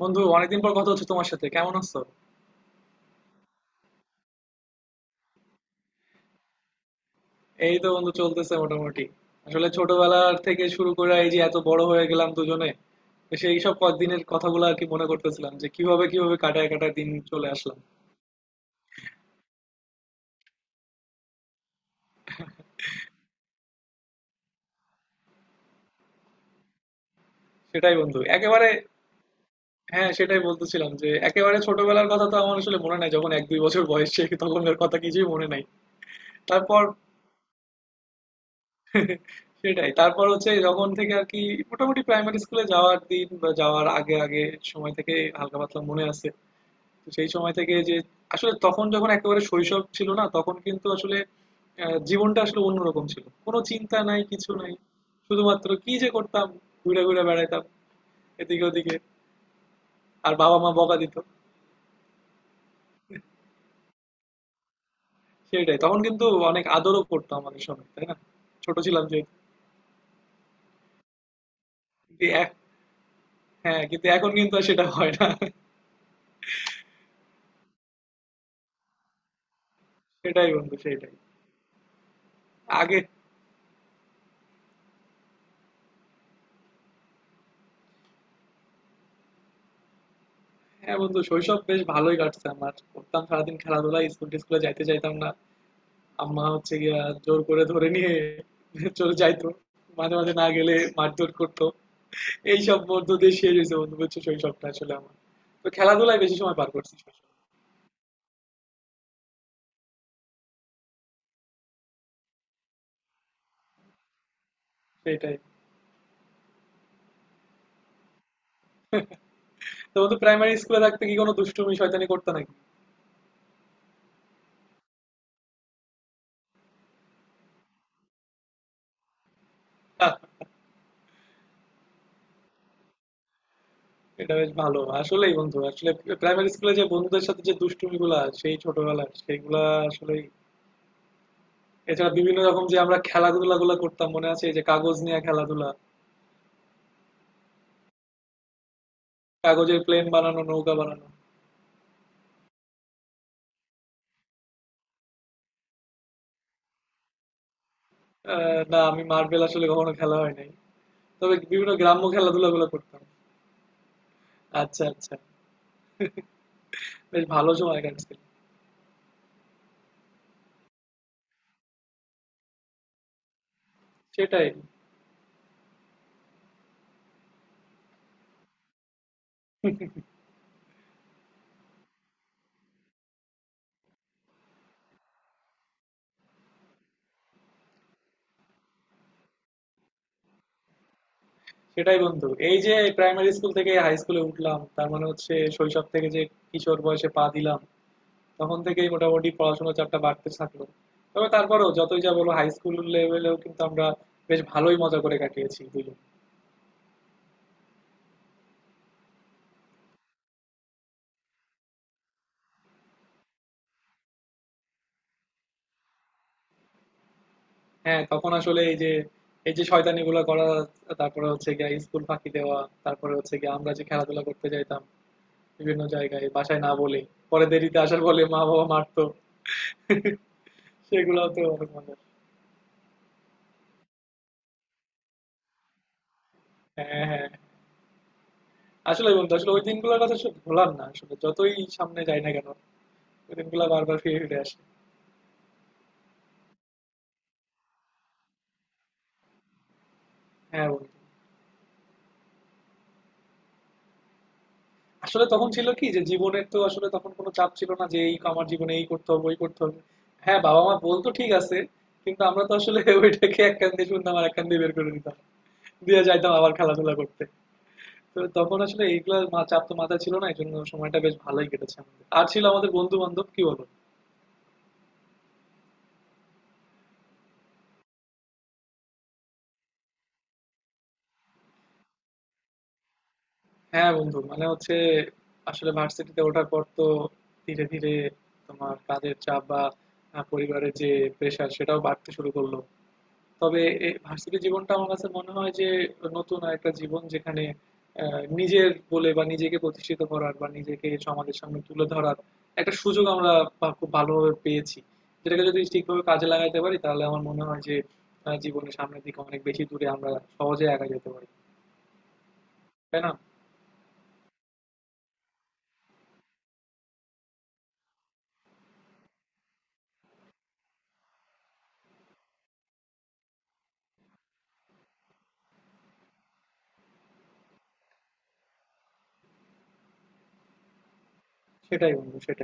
বন্ধু, অনেকদিন পর কথা হচ্ছে তোমার সাথে, কেমন আছো? এই তো বন্ধু, চলতেছে মোটামুটি। আসলে ছোটবেলার থেকে শুরু করে এই যে এত বড় হয়ে গেলাম দুজনে, তো সেই সব দিনের কথাগুলো আর কি মনে করতেছিলাম, যে কিভাবে কিভাবে কাটায় কাটায় দিন চলে আসলাম। সেটাই বন্ধু, একেবারে। হ্যাঁ, সেটাই বলতেছিলাম যে একেবারে ছোটবেলার কথা তো আমার আসলে মনে নাই। যখন এক দুই বছর বয়স, সে তখনকার কথা কিছুই মনে নাই। তারপর সেটাই, তারপর হচ্ছে যখন থেকে আর কি, মোটামুটি প্রাইমারি স্কুলে যাওয়ার দিন বা যাওয়ার আগে আগে সময় থেকে হালকা পাতলা মনে আছে। তো সেই সময় থেকে যে, আসলে তখন যখন একেবারে শৈশব ছিল না, তখন কিন্তু আসলে জীবনটা আসলে অন্যরকম ছিল, কোনো চিন্তা নাই কিছু নাই। শুধুমাত্র কি যে করতাম, ঘুরে ঘুরে বেড়াতাম এদিকে ওদিকে, আর বাবা মা বকা দিত। সেটাই, তখন কিন্তু অনেক আদরও করতো আমাদের সঙ্গে, তাই না? ছোট ছিলাম যেহেতু। কিন্তু এক- হ্যাঁ, কিন্তু এখন কিন্তু আর সেটা হয় না। সেটাই বন্ধু, সেটাই। আগে, হ্যাঁ বন্ধু, শৈশব বেশ ভালোই কাটছে আমার। করতাম সারাদিন খেলাধুলা, স্কুল টিস্কুলে যাইতে চাইতাম না। আম্মা হচ্ছে গিয়া জোর করে ধরে নিয়ে চলে যাইতো, মাঝে মাঝে না গেলে মারধর করতো। এইসব মধ্য দিয়ে শেষ হয়েছে বন্ধু, বুঝছো, শৈশবটা আসলে আমার। তো খেলাধুলায় বেশি সময় পার করছি শৈশব। সেটাই, তো বন্ধু প্রাইমারি স্কুলে থাকতে কি কোনো দুষ্টুমি শয়তানি করতে নাকি? আহ, এটা বেশ ভালো আসলেই বন্ধু, আসলে প্রাইমারি স্কুলে যে বন্ধুদের সাথে যে দুষ্টুমি গুলা, সেই ছোটবেলার সেইগুলা আসলে, এছাড়া বিভিন্ন রকম যে আমরা খেলাধুলা গুলা করতাম মনে আছে, এই যে কাগজ নিয়ে খেলাধুলা, কাগজের প্লেন বানানো, নৌকা বানানো। আ না, আমি মার্বেল আসলে কখনো খেলা হয় নাই। তবে বিভিন্ন গ্রাম্য খেলাধুলাগুলো করতাম। আচ্ছা, আচ্ছা। বেশ ভালো সময় কাটছে। সেটাই, সেটাই বন্ধু। এই যে প্রাইমারি স্কুল থেকে হাই স্কুলে উঠলাম, তার মানে হচ্ছে শৈশব থেকে যে কিশোর বয়সে পা দিলাম, তখন থেকেই মোটামুটি পড়াশোনার চাপটা বাড়তে থাকলো। তবে তারপরেও যতই যা বলো, হাই স্কুল লেভেলেও কিন্তু আমরা বেশ ভালোই মজা করে কাটিয়েছি দুজন। হ্যাঁ, তখন আসলে এই যে শয়তানিগুলো করা, তারপরে হচ্ছে গিয়ে স্কুল ফাঁকি দেওয়া, তারপরে হচ্ছে গিয়ে আমরা যে খেলাধুলা করতে যাইতাম বিভিন্ন জায়গায় বাসায় না বলে, পরে দেরিতে আসার বলে মা বাবা মারতো, সেগুলো তো অনেক মনে। হ্যাঁ হ্যাঁ, আসলে বন্ধু, আসলে ওই দিনগুলোর কথা আসলে ভোলার না, আসলে যতই সামনে যাই না কেন ওই দিনগুলো বারবার ফিরে ফিরে আসে। হ্যাঁ বন্ধু, আসলে তখন ছিল কি যে জীবনের তো আসলে তখন কোনো চাপ ছিল না, যে এই আমার জীবনে এই করতে হবে ওই করতে হবে। হ্যাঁ, বাবা মা বলতো ঠিক আছে, কিন্তু আমরা তো আসলে ওইটাকে এক কান দিয়ে শুনতাম আর এক কান দিয়ে বের করে দিতাম, দিয়ে যাইতাম আবার খেলাধুলা করতে। তো তখন আসলে চাপ তো মাথায় ছিল না, এই জন্য সময়টা বেশ ভালোই কেটেছে আমাদের, আর ছিল আমাদের বন্ধু বান্ধব, কি বলবো। হ্যাঁ বন্ধু, মানে হচ্ছে আসলে ভার্সিটিতে ওঠার পর তো ধীরে ধীরে তোমার কাজের চাপ বা পরিবারের যে প্রেশার সেটাও বাড়তে শুরু করলো। তবে এ ভার্সিটি জীবনটা আমার কাছে মনে হয় যে নতুন একটা জীবন, যেখানে নিজের বলে বা নিজেকে প্রতিষ্ঠিত করার বা নিজেকে সমাজের সামনে তুলে ধরার একটা সুযোগ আমরা খুব ভালোভাবে পেয়েছি। যেটাকে যদি ঠিকভাবে কাজে লাগাতে পারি, তাহলে আমার মনে হয় যে জীবনের সামনের দিকে অনেক বেশি দূরে আমরা সহজে এগিয়ে যেতে পারি, তাই না? সেটাই বন্ধু, সেটাই।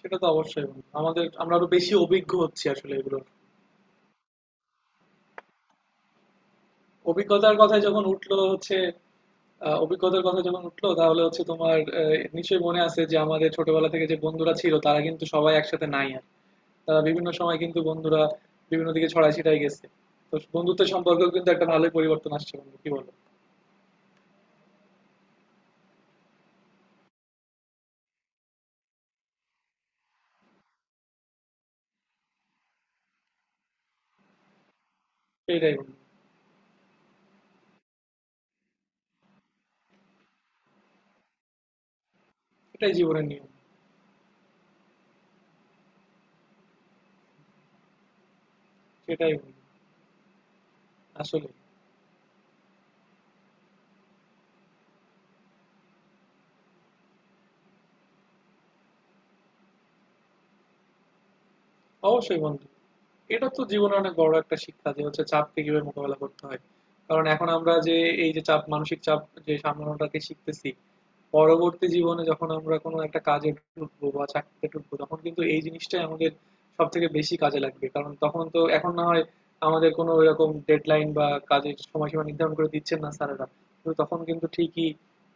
সেটা তো অবশ্যই বন্ধু, আমাদের আমরা আরো বেশি অভিজ্ঞ হচ্ছি আসলে এগুলোর। অভিজ্ঞতার কথা যখন উঠলো হচ্ছে, অভিজ্ঞতার কথা যখন উঠলো তাহলে হচ্ছে তোমার নিশ্চয়ই মনে আছে যে আমাদের ছোটবেলা থেকে যে বন্ধুরা ছিল, তারা কিন্তু সবাই একসাথে নাই আর। তারা বিভিন্ন সময় কিন্তু বন্ধুরা বিভিন্ন দিকে ছড়ায় ছিটায় গেছে। তো বন্ধুত্বের সম্পর্কেও কিন্তু একটা ভালোই পরিবর্তন আসছে বন্ধু, কি বলো? সেটাই বন্ধু, এটাই জীবনের নিয়ম। সেটাই বন্ধু, আসলে অবশ্যই বন্ধু, এটা তো জীবনের অনেক বড় একটা শিক্ষা যে হচ্ছে চাপকে কিভাবে মোকাবেলা করতে হয়। কারণ এখন আমরা যে এই যে চাপ, মানসিক চাপ যে সামলানোটাকে শিখতেছি, পরবর্তী জীবনে যখন আমরা কোনো একটা কাজে ঢুকবো বা চাকরিতে ঢুকবো, তখন কিন্তু এই জিনিসটাই আমাদের সব থেকে বেশি কাজে লাগবে। কারণ তখন তো এখন না হয় আমাদের কোনো এরকম ডেডলাইন বা কাজের সময়সীমা নির্ধারণ করে দিচ্ছেন না স্যারেরা, কিন্তু তখন কিন্তু ঠিকই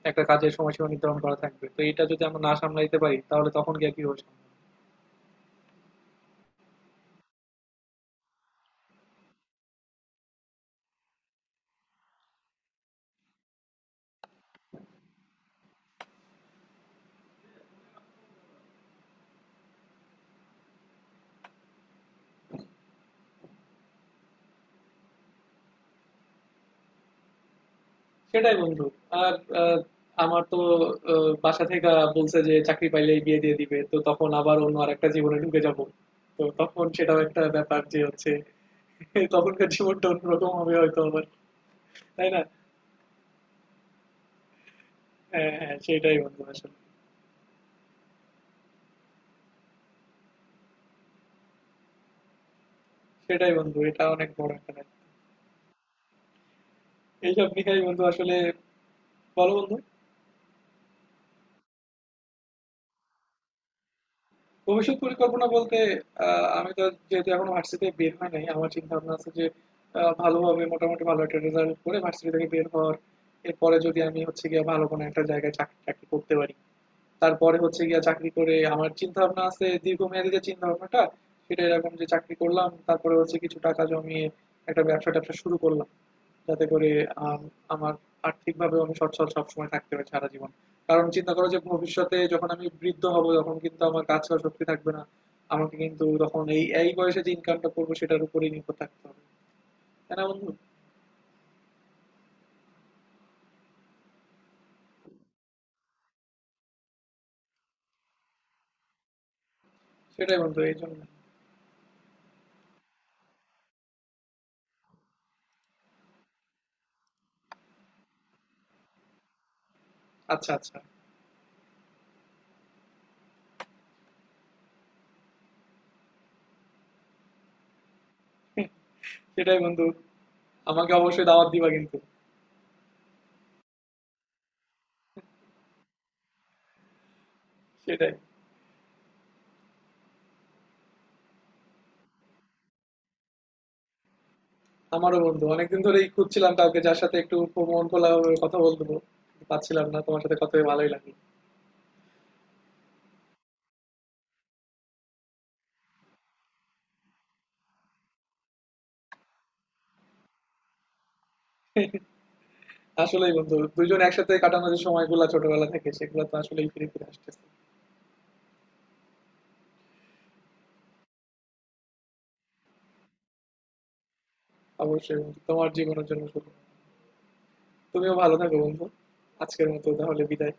একটা কাজের সময়সীমা নির্ধারণ করা থাকবে। তো এটা যদি আমরা না সামলাইতে পারি, তাহলে তখন গিয়ে কি হবে সামলানো? সেটাই বন্ধু। আর আহ, আমার তো বাসা থেকে বলছে যে চাকরি পাইলেই বিয়ে দিয়ে দিবে, তো তখন আবার অন্য আর একটা জীবনে ঢুকে যাব। তো তখন সেটাও একটা ব্যাপার যে হচ্ছে তখনকার জীবনটা অন্যরকম হবে হয়তো আবার, তাই না? হ্যাঁ হ্যাঁ, সেটাই বন্ধু, আসলে সেটাই বন্ধু, এটা অনেক বড় একটা দায়িত্ব। এইসব নিয়েই বন্ধু, আসলে বলো বন্ধু। ভবিষ্যৎ পরিকল্পনা বলতে, আমি তো যেহেতু এখনো ভার্সিটি বের হয় নাই, আমার চিন্তা ভাবনা আছে যে ভালোভাবে মোটামুটি ভালো একটা রেজাল্ট করে ভার্সিটি থেকে বের হওয়ার। এরপরে যদি আমি হচ্ছে গিয়ে ভালো কোনো একটা জায়গায় চাকরি টাকরি করতে পারি, তারপরে হচ্ছে গিয়া চাকরি করে আমার চিন্তা ভাবনা আছে দীর্ঘমেয়াদী যে চিন্তা ভাবনাটা, সেটা এরকম যে চাকরি করলাম, তারপরে হচ্ছে কিছু টাকা জমিয়ে একটা ব্যবসা ট্যাবসা শুরু করলাম, যাতে করে আম, আমার আর্থিকভাবে আমি সচ্ছল সবসময় থাকতে পারি সারা জীবন। কারণ চিন্তা করো যে ভবিষ্যতে যখন আমি বৃদ্ধ হব, তখন কিন্তু আমার কাজ করার শক্তি থাকবে না। আমাকে কিন্তু তখন এই এই বয়সে যে ইনকামটা করবো সেটার উপরেই নির্ভর থাকতে হবে, তাই না বন্ধু? সেটাই বন্ধু, এই জন্য আচ্ছা আচ্ছা। সেটাই বন্ধু, আমাকে অবশ্যই দাওয়াত দিবা কিন্তু। সেটাই, আমারও বন্ধু অনেকদিন ধরেই খুঁজছিলাম কাউকে যার সাথে একটু মন খোলা ভাবে কথা বলবো, পাচ্ছিলাম না। তোমার সাথে কথা হয়ে ভালোই লাগলো। আসলেই বন্ধু, দুজন একসাথে কাটানো যে সময়গুলো ছোটবেলা থেকে, সেগুলো তো আসলেই ফিরে ফিরে আসতেছে। অবশ্যই বন্ধু, তোমার জীবনের জন্য শুভ। তুমিও ভালো থাকো বন্ধু। আজকের মতো তাহলে বিদায়।